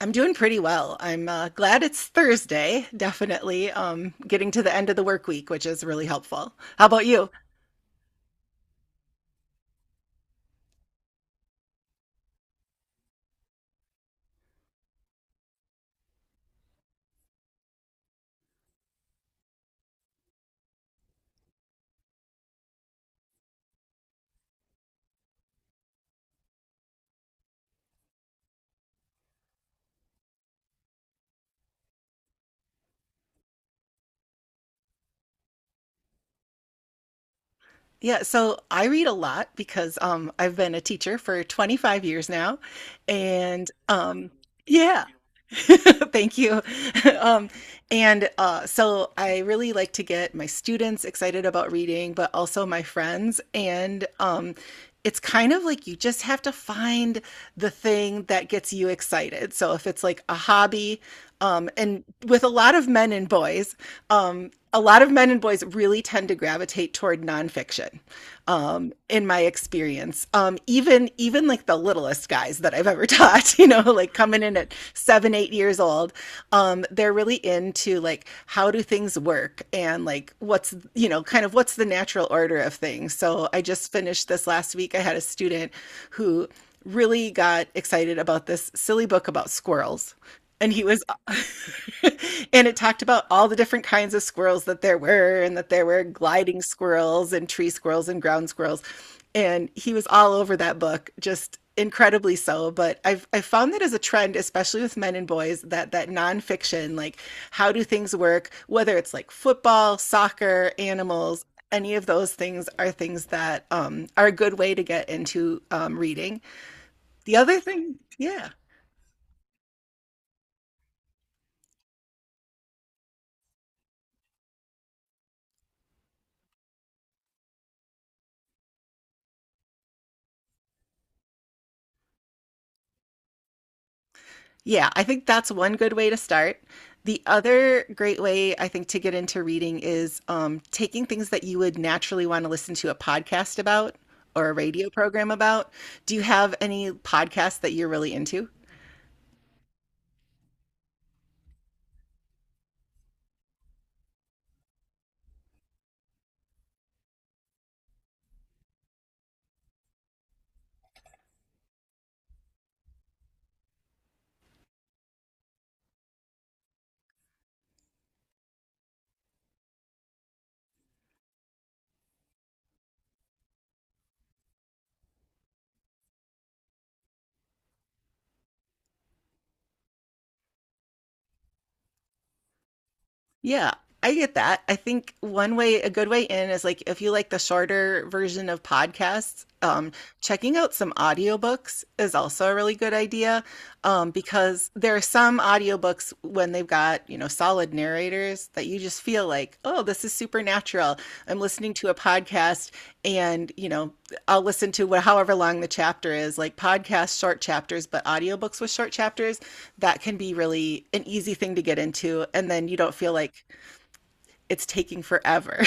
I'm doing pretty well. I'm glad it's Thursday, definitely. Getting to the end of the work week, which is really helpful. How about you? Yeah, so I read a lot because I've been a teacher for 25 years now. And yeah, Thank you. Um, and So I really like to get my students excited about reading, but also my friends. And it's kind of like you just have to find the thing that gets you excited. So if it's like a hobby, and with a lot of men and boys, a lot of men and boys really tend to gravitate toward nonfiction. In my experience. Even like the littlest guys that I've ever taught, you know, like coming in at 7, 8 years old, they're really into like how do things work and like what's you know kind of what's the natural order of things. So I just finished this last week. I had a student who really got excited about this silly book about squirrels. And he was, and it talked about all the different kinds of squirrels that there were, and that there were gliding squirrels and tree squirrels and ground squirrels. And he was all over that book, just incredibly so. But I've found that as a trend, especially with men and boys, that nonfiction, like how do things work, whether it's like football, soccer, animals, any of those things are things that are a good way to get into reading the other thing, yeah. Yeah, I think that's one good way to start. The other great way I think to get into reading is taking things that you would naturally want to listen to a podcast about or a radio program about. Do you have any podcasts that you're really into? Yeah, I get that. I think one way, a good way in is like if you like the shorter version of podcasts, checking out some audiobooks is also a really good idea because there are some audiobooks when they've got, you know, solid narrators that you just feel like, oh, this is supernatural. I'm listening to a podcast and, you know, I'll listen to however long the chapter is, like podcasts, short chapters, but audiobooks with short chapters, that can be really an easy thing to get into. And then you don't feel like, it's taking forever.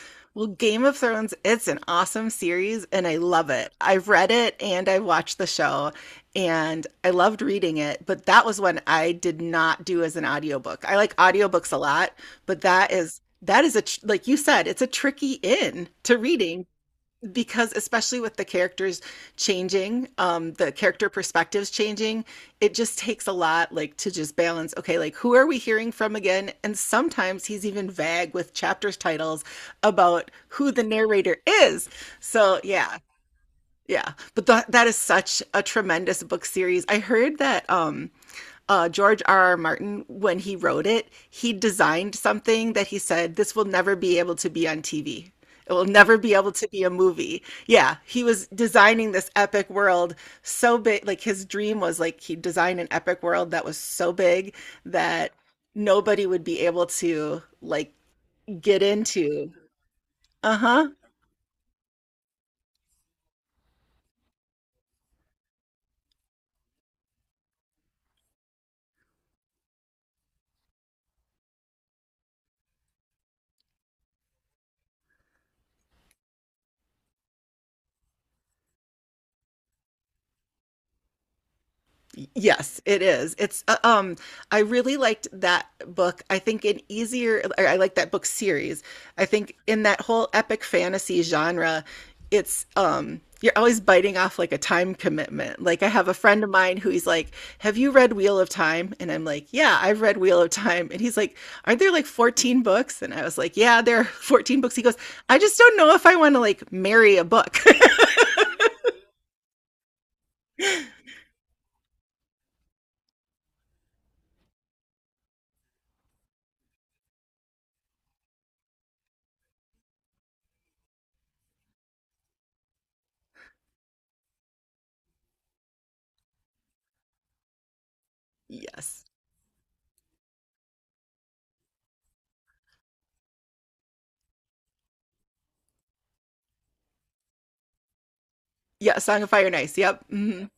Well, Game of Thrones, it's an awesome series and I love it. I've read it and I've watched the show and I loved reading it, but that was one I did not do as an audiobook. I like audiobooks a lot, but that is a like you said, it's a tricky in to reading because especially with the characters changing, the character perspectives changing, it just takes a lot, like to just balance, okay, like who are we hearing from again. And sometimes he's even vague with chapters titles about who the narrator is, so yeah, but that is such a tremendous book series. I heard that George R. R. Martin, when he wrote it, he designed something that he said, this will never be able to be on TV. It will never be able to be a movie. Yeah, he was designing this epic world so big. Like his dream was like he designed an epic world that was so big that nobody would be able to like get into. Uh-huh. Yes, it is. It's I really liked that book. I think an easier or I like that book series. I think in that whole epic fantasy genre, it's you're always biting off like a time commitment. Like I have a friend of mine who he's like, "Have you read Wheel of Time?" And I'm like, "Yeah, I've read Wheel of Time." And he's like, "Aren't there like 14 books?" And I was like, "Yeah, there are 14 books." He goes, "I just don't know if I want to like marry a book." Yes. Yeah, Song of Fire and Ice. Yep. Mhm.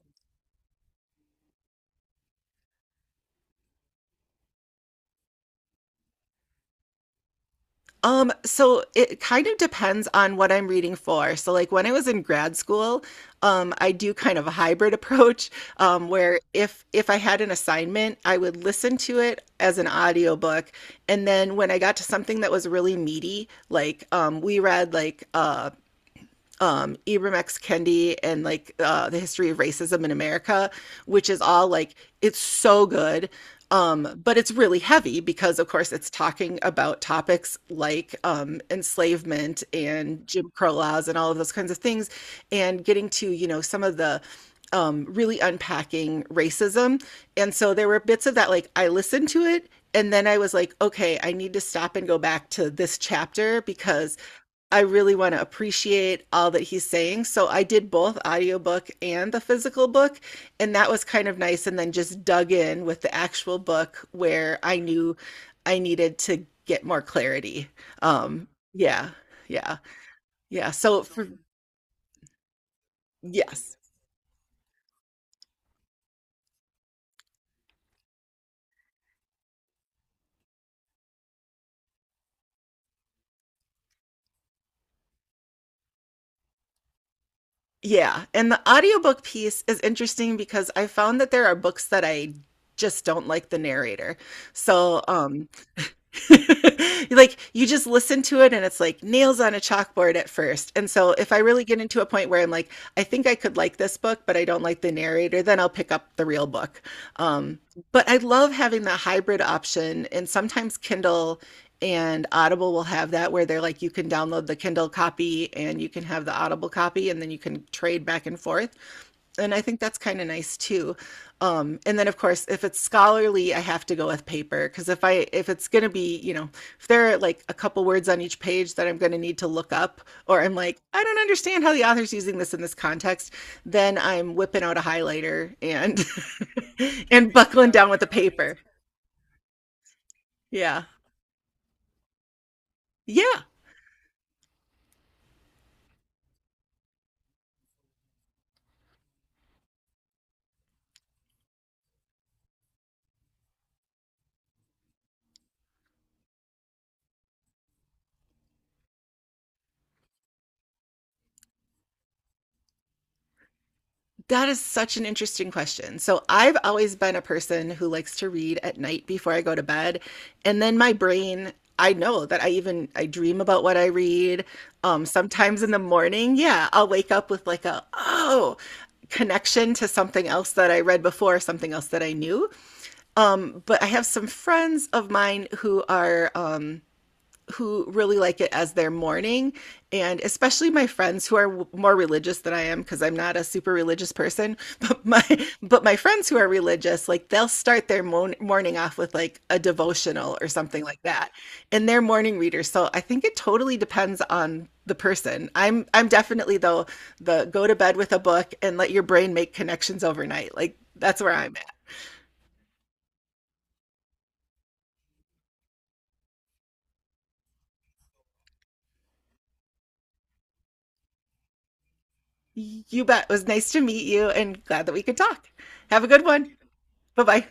So it kind of depends on what I'm reading for. So, like when I was in grad school, I do kind of a hybrid approach, where if I had an assignment, I would listen to it as an audiobook, and then when I got to something that was really meaty, like we read like Ibram X. Kendi and like the history of racism in America, which is all like it's so good, but it's really heavy because of course it's talking about topics like enslavement and Jim Crow laws and all of those kinds of things, and getting to you know some of the really unpacking racism. And so there were bits of that, like I listened to it and then I was like, okay, I need to stop and go back to this chapter because I really want to appreciate all that he's saying. So I did both audiobook and the physical book, and that was kind of nice and then just dug in with the actual book where I knew I needed to get more clarity. Um yeah. Yeah. Yeah. So for yes. Yeah. And the audiobook piece is interesting because I found that there are books that I just don't like the narrator. So like you just listen to it and it's like nails on a chalkboard at first. And so if I really get into a point where I'm like, I think I could like this book, but I don't like the narrator, then I'll pick up the real book. Um, but I love having that hybrid option. And sometimes Kindle and Audible will have that where they're like, you can download the Kindle copy and you can have the Audible copy, and then you can trade back and forth and I think that's kind of nice too. And then of course, if it's scholarly, I have to go with paper because if it's gonna be, you know, if there are like a couple words on each page that I'm gonna need to look up, or I'm like, I don't understand how the author's using this in this context, then I'm whipping out a highlighter and and buckling down with the paper. Yeah. Yeah, that is such an interesting question. So, I've always been a person who likes to read at night before I go to bed. And then my brain, I know that I dream about what I read. Sometimes in the morning, yeah, I'll wake up with like a oh connection to something else that I read before, something else that I knew. But I have some friends of mine who are who really like it as their morning, and especially my friends who are more religious than I am, because I'm not a super religious person but my friends who are religious, like they'll start their morning off with like a devotional or something like that, and they're morning readers. So I think it totally depends on the person. I'm definitely though the go to bed with a book and let your brain make connections overnight, like that's where I'm at. You bet, it was nice to meet you and glad that we could talk. Have a good one. Bye bye.